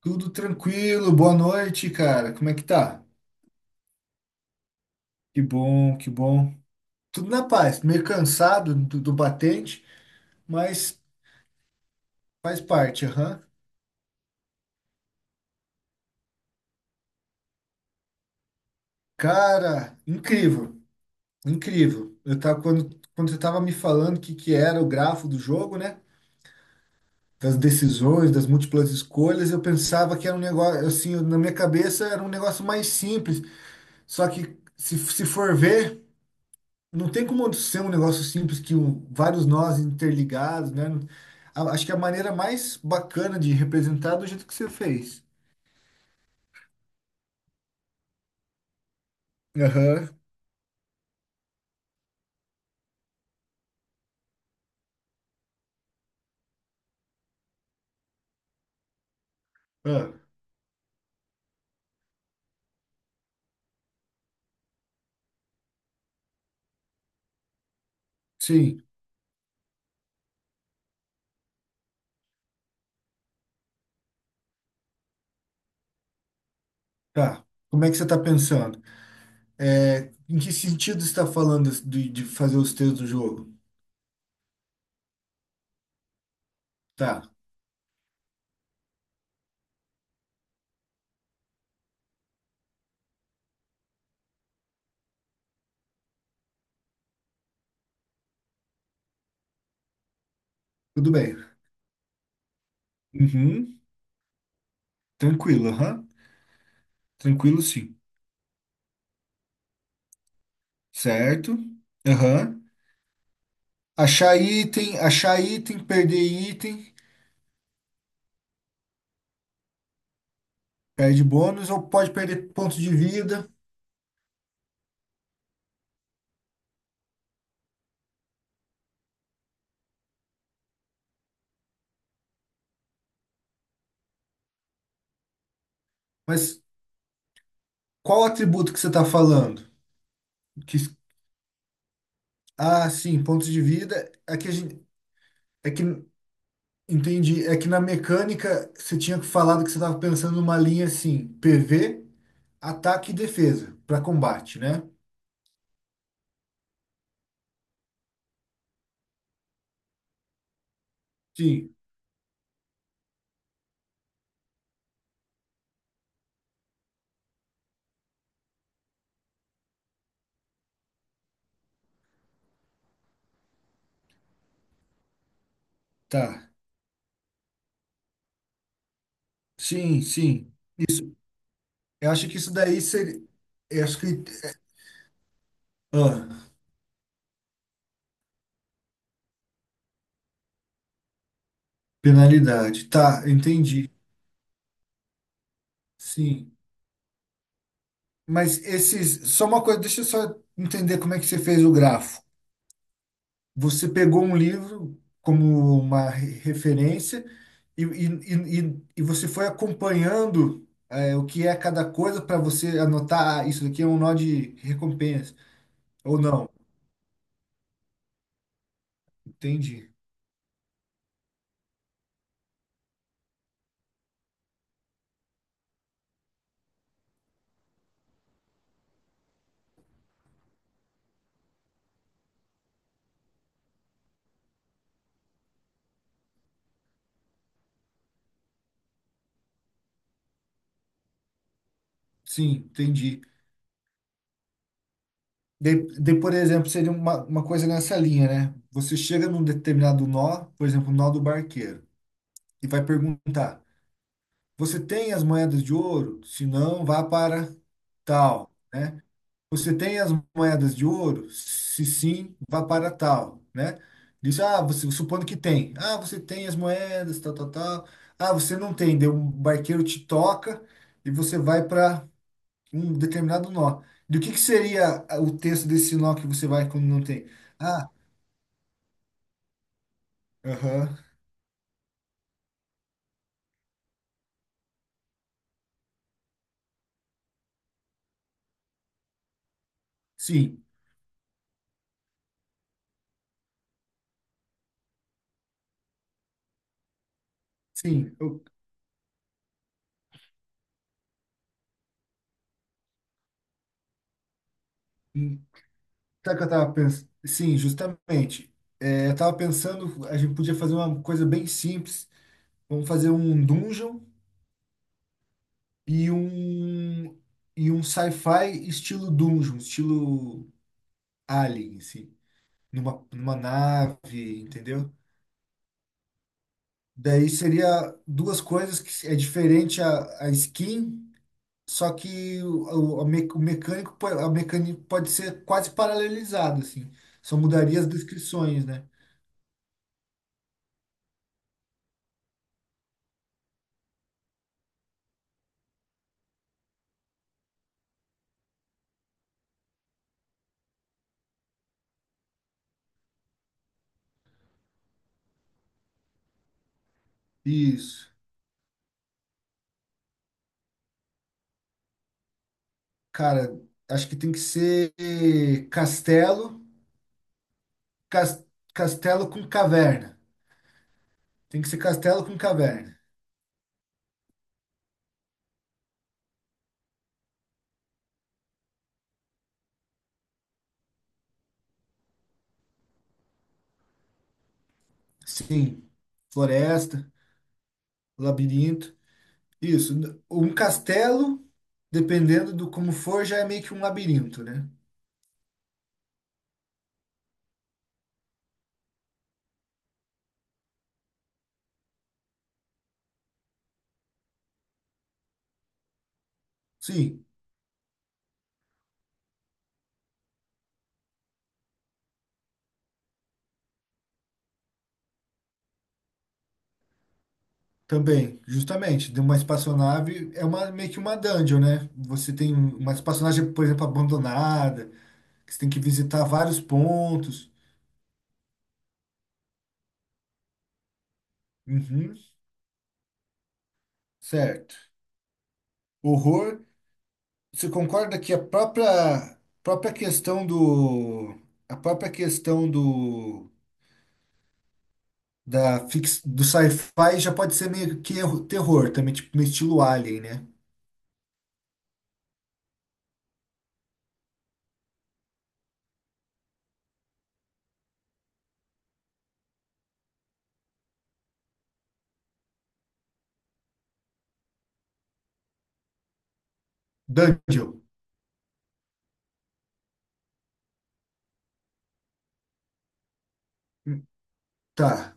Tudo tranquilo, boa noite, cara. Como é que tá? Que bom, que bom. Tudo na paz, meio cansado do batente, mas faz parte, aham. Cara, incrível, incrível. Eu tava, quando você tava me falando o que era o grafo do jogo, né? Das decisões, das múltiplas escolhas, eu pensava que era um negócio, assim, na minha cabeça era um negócio mais simples. Só que se for ver. Não tem como ser um negócio simples que um, vários nós interligados, né? Acho que a maneira mais bacana de representar é do jeito que você fez. Aham. Ah, sim, tá. Como é que você está pensando? É, em que sentido você está falando de fazer os textos do jogo? Tá, tudo bem. Uhum. Tranquilo, aham. Tranquilo, sim. Certo? Aham. Achar item, perder item, perde bônus ou pode perder ponto de vida, mas qual atributo que você está falando? Que, ah, sim, pontos de vida. É que entendi. É que na mecânica você tinha falado que você estava pensando numa linha assim, PV, ataque e defesa para combate, né? Sim, tá. Sim, sim. Isso. Eu acho que isso daí seria. Eu acho que ah, penalidade. Tá, entendi. Sim. Mas esses. Só uma coisa, deixa eu só entender como é que você fez o grafo. Você pegou um livro como uma referência e, e, e você foi acompanhando é, o que é cada coisa para você anotar, ah, isso daqui é um nó de recompensa, ou não. Entendi. Sim, entendi. De, por exemplo, seria uma coisa nessa linha, né? Você chega num determinado nó, por exemplo, o nó do barqueiro, e vai perguntar: Você tem as moedas de ouro? Se não, vá para tal. Né? Você tem as moedas de ouro? Se sim, vá para tal, né? Diz, ah, você supondo que tem. Ah, você tem as moedas, tal, tal, tal. Ah, você não tem. Daí um barqueiro te toca e você vai para um determinado nó. Do que seria ah, o texto desse nó que você vai quando não tem? Ah, aham, sim, sim. Hum, sabe o que eu tava pensando? Sim, justamente. É, eu tava pensando, a gente podia fazer uma coisa bem simples. Vamos fazer um dungeon e um e um sci-fi estilo dungeon, estilo alien, assim, numa nave, entendeu? Daí seria duas coisas que é diferente a skin, só que o, a me- o mecânico po- a mecânica pode ser quase paralelizado, assim. Só mudaria as descrições, né? Isso. Cara, acho que tem que ser castelo, cas- castelo com caverna. Tem que ser castelo com caverna. Sim, floresta, labirinto. Isso, um castelo, dependendo do como for, já é meio que um labirinto, né? Sim, também, justamente. De uma espaçonave é uma meio que uma dungeon, né? Você tem uma espaçonave, por exemplo, abandonada, que você tem que visitar vários pontos. Uhum, certo. Horror, você concorda que a própria própria questão do a própria questão do do sci-fi já pode ser meio que terror também, tipo no estilo Alien, né? Dungeon. Hum, Tá,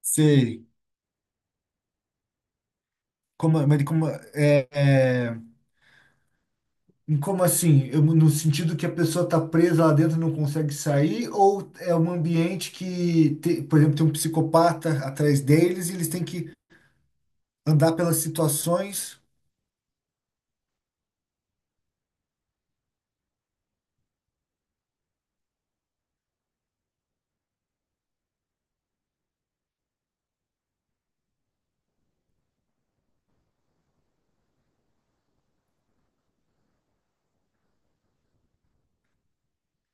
sei. Como, mas como, é, é, como assim? No sentido que a pessoa tá presa lá dentro e não consegue sair, ou é um ambiente que, por exemplo, tem um psicopata atrás deles e eles têm que andar pelas situações.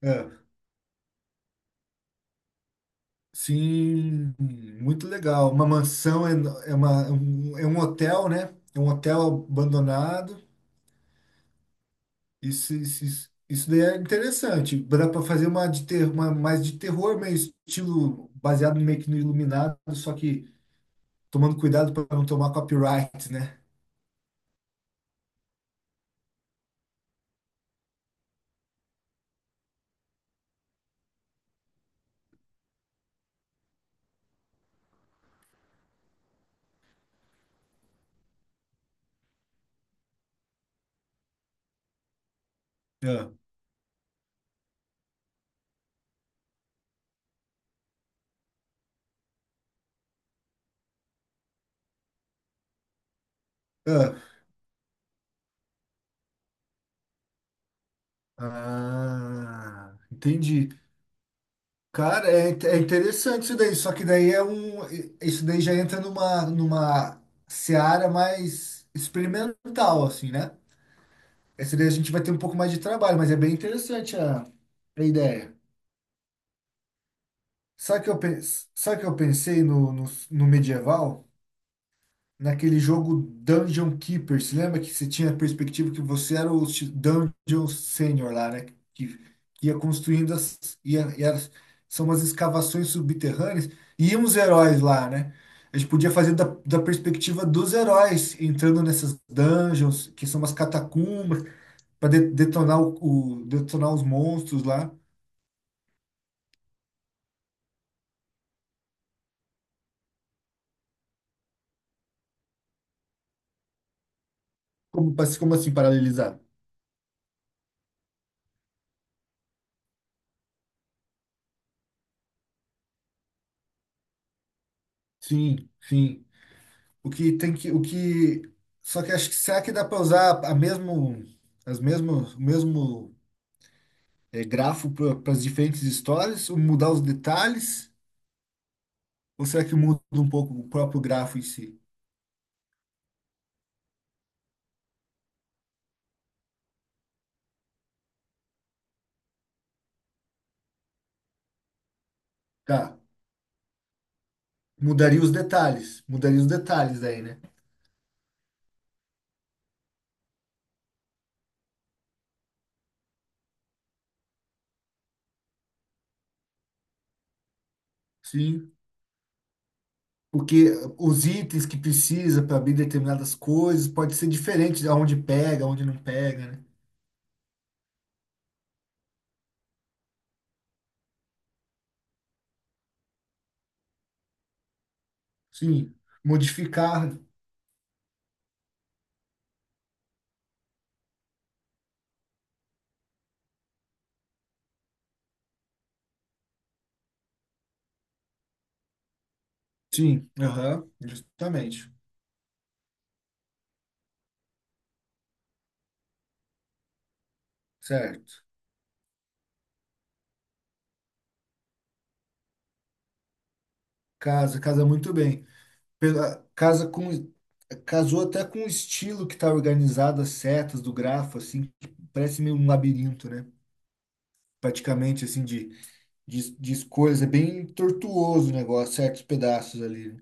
É, sim, muito legal. Uma mansão, é, é, uma, é um hotel, né? É um hotel abandonado. Isso daí é interessante. Dá para fazer uma, de ter, uma mais de terror, meio estilo baseado meio que no Iluminado, só que tomando cuidado para não tomar copyright, né? Ah, ah. Ah, entendi. Cara, é, é interessante isso daí, só que daí é um. Isso daí já entra numa seara mais experimental, assim, né? Essa daí a gente vai ter um pouco mais de trabalho, mas é bem interessante a ideia. Sabe que eu, pen- sabe que eu pensei no medieval? Naquele jogo Dungeon Keeper. Você lembra que você tinha a perspectiva que você era o Dungeon Senior lá, né? Que, que ia construindo as. Ia, ia- são umas escavações subterrâneas. E iam os heróis lá, né? A gente podia fazer da perspectiva dos heróis entrando nessas dungeons, que são umas catacumbas, para detonar, detonar os monstros lá. Como, como assim paralelizar? Sim, sim. O que tem que, o que, só que acho que será que dá para usar a mesmo, as mesmo o mesmo eh, grafo para as diferentes histórias, ou mudar os detalhes, ou será que muda um pouco o próprio grafo em si? Tá, mudaria os detalhes aí, né? Sim. Porque os itens que precisa para abrir determinadas coisas pode ser diferente de onde pega, onde não pega, né? Sim. Modificar. Sim. Aham, justamente. Certo. Casa, casa muito bem. Casa com, casou até com o estilo que tá organizado, as setas do grafo, assim, que parece meio um labirinto, né? Praticamente, assim, de escolhas. É bem tortuoso o negócio, certos pedaços ali. Né?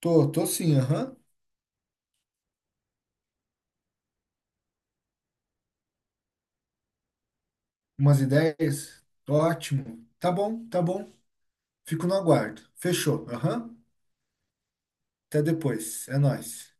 Tô sim, aham. Umas ideias? Ótimo. Tá bom, tá bom. Fico no aguardo. Fechou, aham. Até depois. É nóis.